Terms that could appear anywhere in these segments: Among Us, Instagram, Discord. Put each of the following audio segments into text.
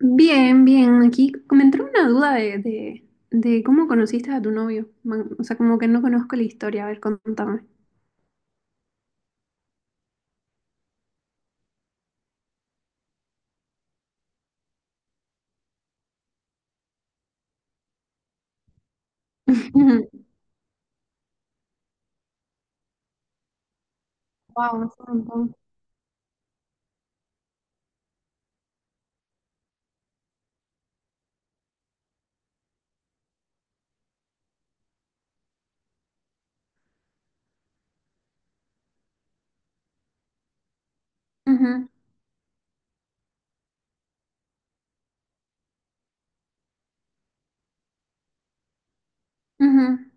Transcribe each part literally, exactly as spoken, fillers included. Bien, bien. Aquí me entró una duda de, de, de cómo conociste a tu novio. Ma- O sea, como que no conozco la historia. A ver, contame. Wow, es un montón. Ujú. Ujú.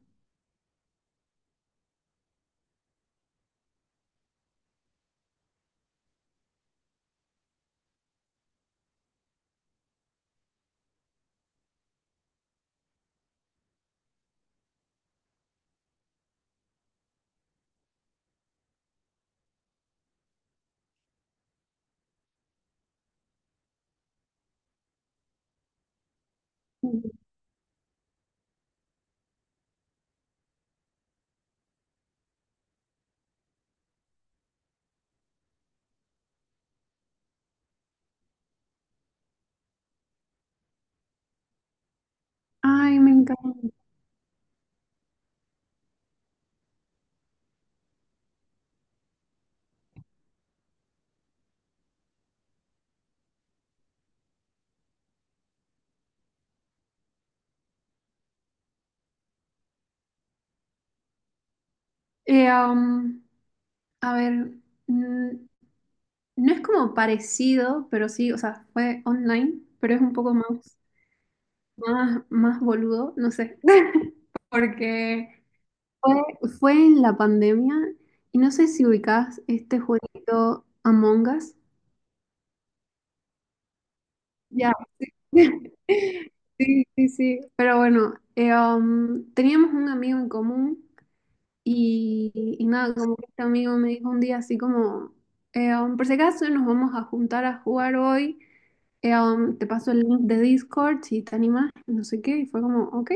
Ay, me encanta. Eh, um, a ver, mm, no es como parecido, pero sí, o sea, fue online, pero es un poco más, más, más boludo, no sé. Porque fue, fue en la pandemia y no sé si ubicás este jueguito Among Us. Ya. Sí, sí, sí. Pero bueno, eh, um, teníamos un amigo en común y, y nada, como que este amigo me dijo un día así como, eh, um, por si acaso nos vamos a juntar a jugar hoy, eh, um, te paso el link de Discord si te animas, no sé qué, y fue como, ok.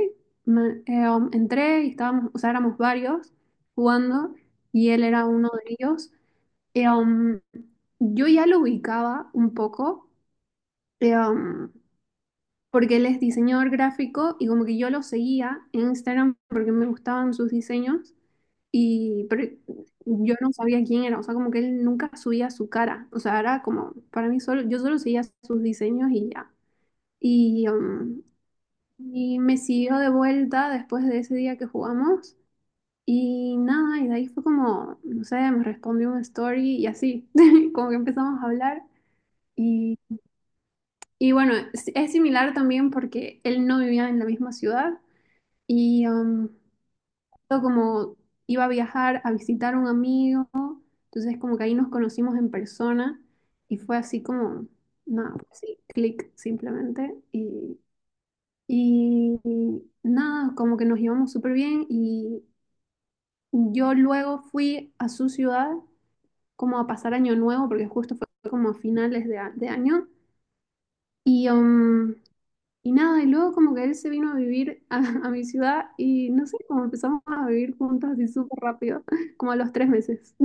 Me- eh, um, entré y estábamos, o sea, éramos varios jugando y él era uno de ellos. Eh, um, yo ya lo ubicaba un poco. eh, um, Porque él es diseñador gráfico y como que yo lo seguía en Instagram porque me gustaban sus diseños y pero yo no sabía quién era, o sea, como que él nunca subía su cara, o sea, era como para mí solo, yo solo seguía sus diseños y ya. Y, um, y me siguió de vuelta después de ese día que jugamos y nada, y de ahí fue como, no sé, me respondió un story y así, como que empezamos a hablar y, y bueno, es es similar también porque él no vivía en la misma ciudad. Y am, yo como iba a viajar a visitar a un amigo, entonces como que ahí nos conocimos en persona y fue así como, nada, así, clic simplemente. Y, y nada, como que nos llevamos súper bien y yo luego fui a su ciudad como a pasar año nuevo, porque justo fue como a finales de, a- de año. Y, um, Y nada, y luego como que él se vino a vivir a, a mi ciudad y no sé, como empezamos a vivir juntos así súper rápido, como a los tres meses.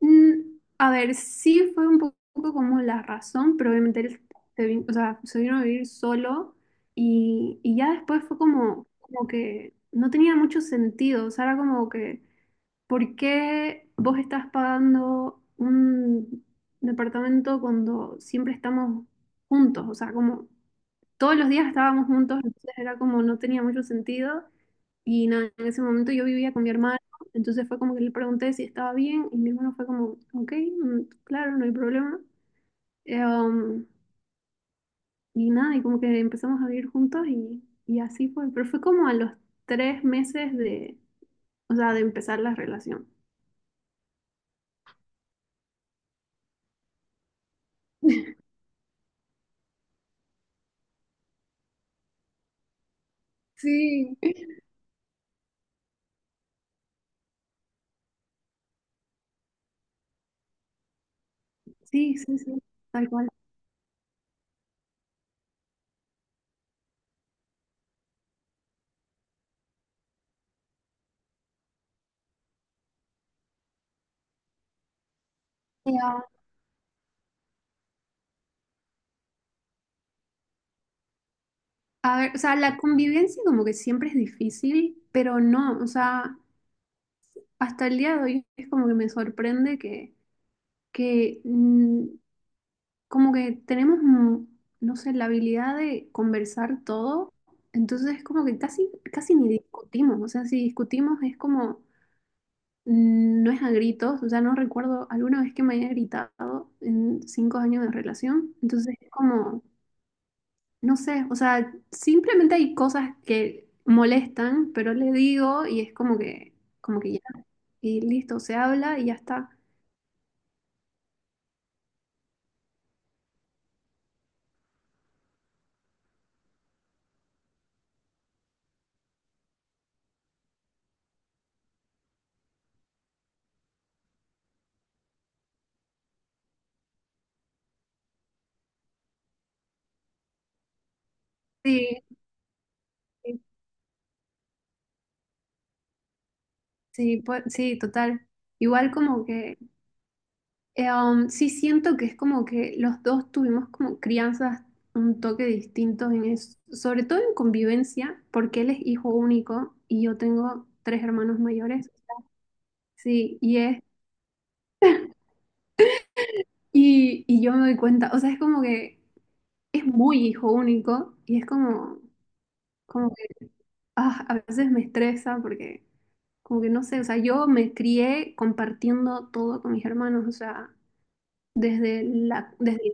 Mm, a ver, sí fue un po- poco como la razón, pero obviamente él se vin- o sea, se vino a vivir solo y, y ya después fue como, como que no tenía mucho sentido, o sea, era como que, ¿por qué vos estás pagando un departamento cuando siempre estamos juntos? O sea, como... todos los días estábamos juntos, entonces era como no tenía mucho sentido. Y nada, en ese momento yo vivía con mi hermano, entonces fue como que le pregunté si estaba bien y mi hermano fue como, ok, mm, claro, no hay problema. Eh, um, y nada, y como que empezamos a vivir juntos y, y así fue, pero fue como a los tres meses de, o sea, de empezar la relación. Sí. Sí, sí, sí, tal cual. Eh, a ver, o sea, la convivencia como que siempre es difícil, pero no, o sea, hasta el día de hoy es como que me sorprende que, que mm, como que tenemos, mm, no sé, la habilidad de conversar todo, entonces es como que casi, casi ni discutimos, o sea, si discutimos es como, mm, no es a gritos, o sea, no recuerdo alguna vez que me haya gritado en cinco años de relación, entonces es como, no sé, o sea, simplemente hay cosas que molestan, pero le digo y es como que, como que ya, y listo, se habla y ya está. Sí, sí, pues, sí, total. Igual como que, eh, um, sí siento que es como que los dos tuvimos como crianzas un toque distinto en eso, sobre todo en convivencia, porque él es hijo único y yo tengo tres hermanos mayores. Sí, y es, y, y yo me doy cuenta, o sea, es como que es muy hijo único y es como, como que, ah, a veces me estresa porque como que no sé, o sea, yo me crié compartiendo todo con mis hermanos, o sea, desde la, desde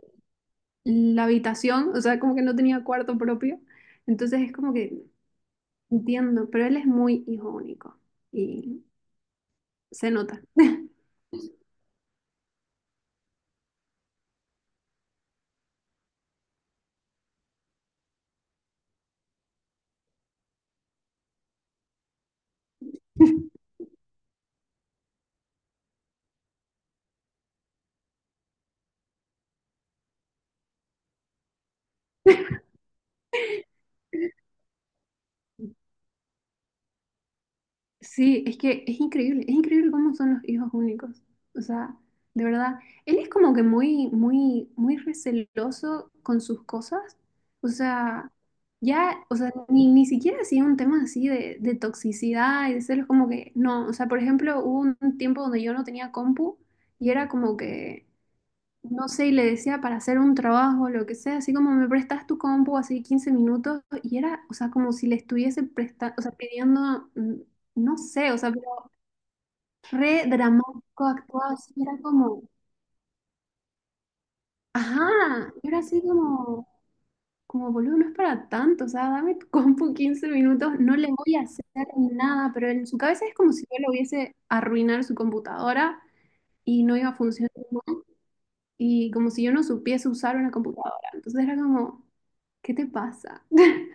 la habitación, o sea, como que no tenía cuarto propio. Entonces es como que entiendo, pero él es muy hijo único y se nota. Sí, es que es increíble, es increíble cómo son los hijos únicos. O sea, de verdad, él es como que muy, muy, muy receloso con sus cosas. O sea, ya, o sea, ni, ni siquiera así un tema así de, de toxicidad y de celos, como que no. O sea, por ejemplo, hubo un tiempo donde yo no tenía compu y era como que no sé, y le decía para hacer un trabajo, lo que sea, así como me prestas tu compu, así quince minutos, y era, o sea, como si le estuviese presta- o sea, pidiendo, mm, no sé, o sea, pero re dramático actuado, así era como, ajá, y era así como, como boludo, no es para tanto, o sea, dame tu compu quince minutos, no le voy a hacer nada, pero en su cabeza es como si yo le hubiese arruinar su computadora y no iba a funcionar. Y como si yo no supiese usar una computadora. Entonces era como, ¿qué te pasa? Mm.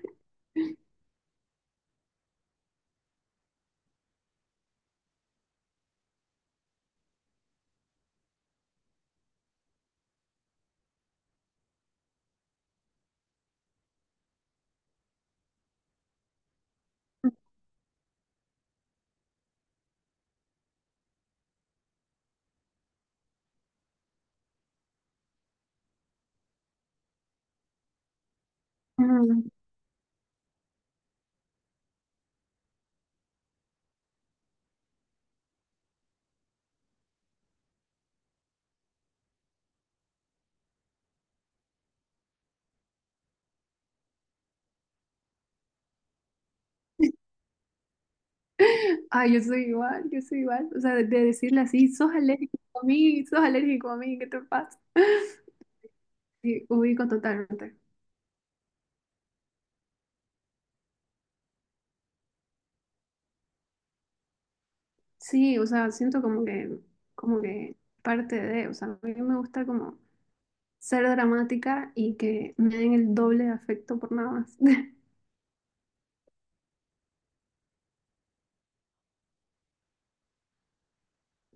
Ay, yo soy igual, yo soy igual. O sea, de, de decirle así, sos alérgico a mí, sos alérgico a mí, ¿qué te pasa? Sí, ubico totalmente. Sí, o sea, siento como que, como que parte de, o sea, a mí me gusta como ser dramática y que me den el doble de afecto por nada más.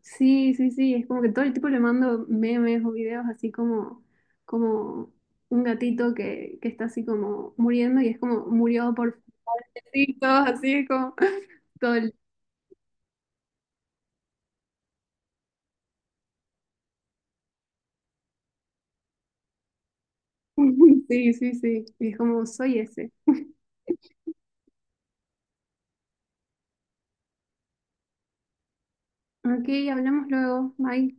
Sí, sí, sí, es como que todo el tiempo le mando memes o videos así como, como un gatito que, que está así como muriendo y es como murió por todos así es como todo el... Sí, sí, sí, y es como soy ese. Ok, hablamos luego, bye.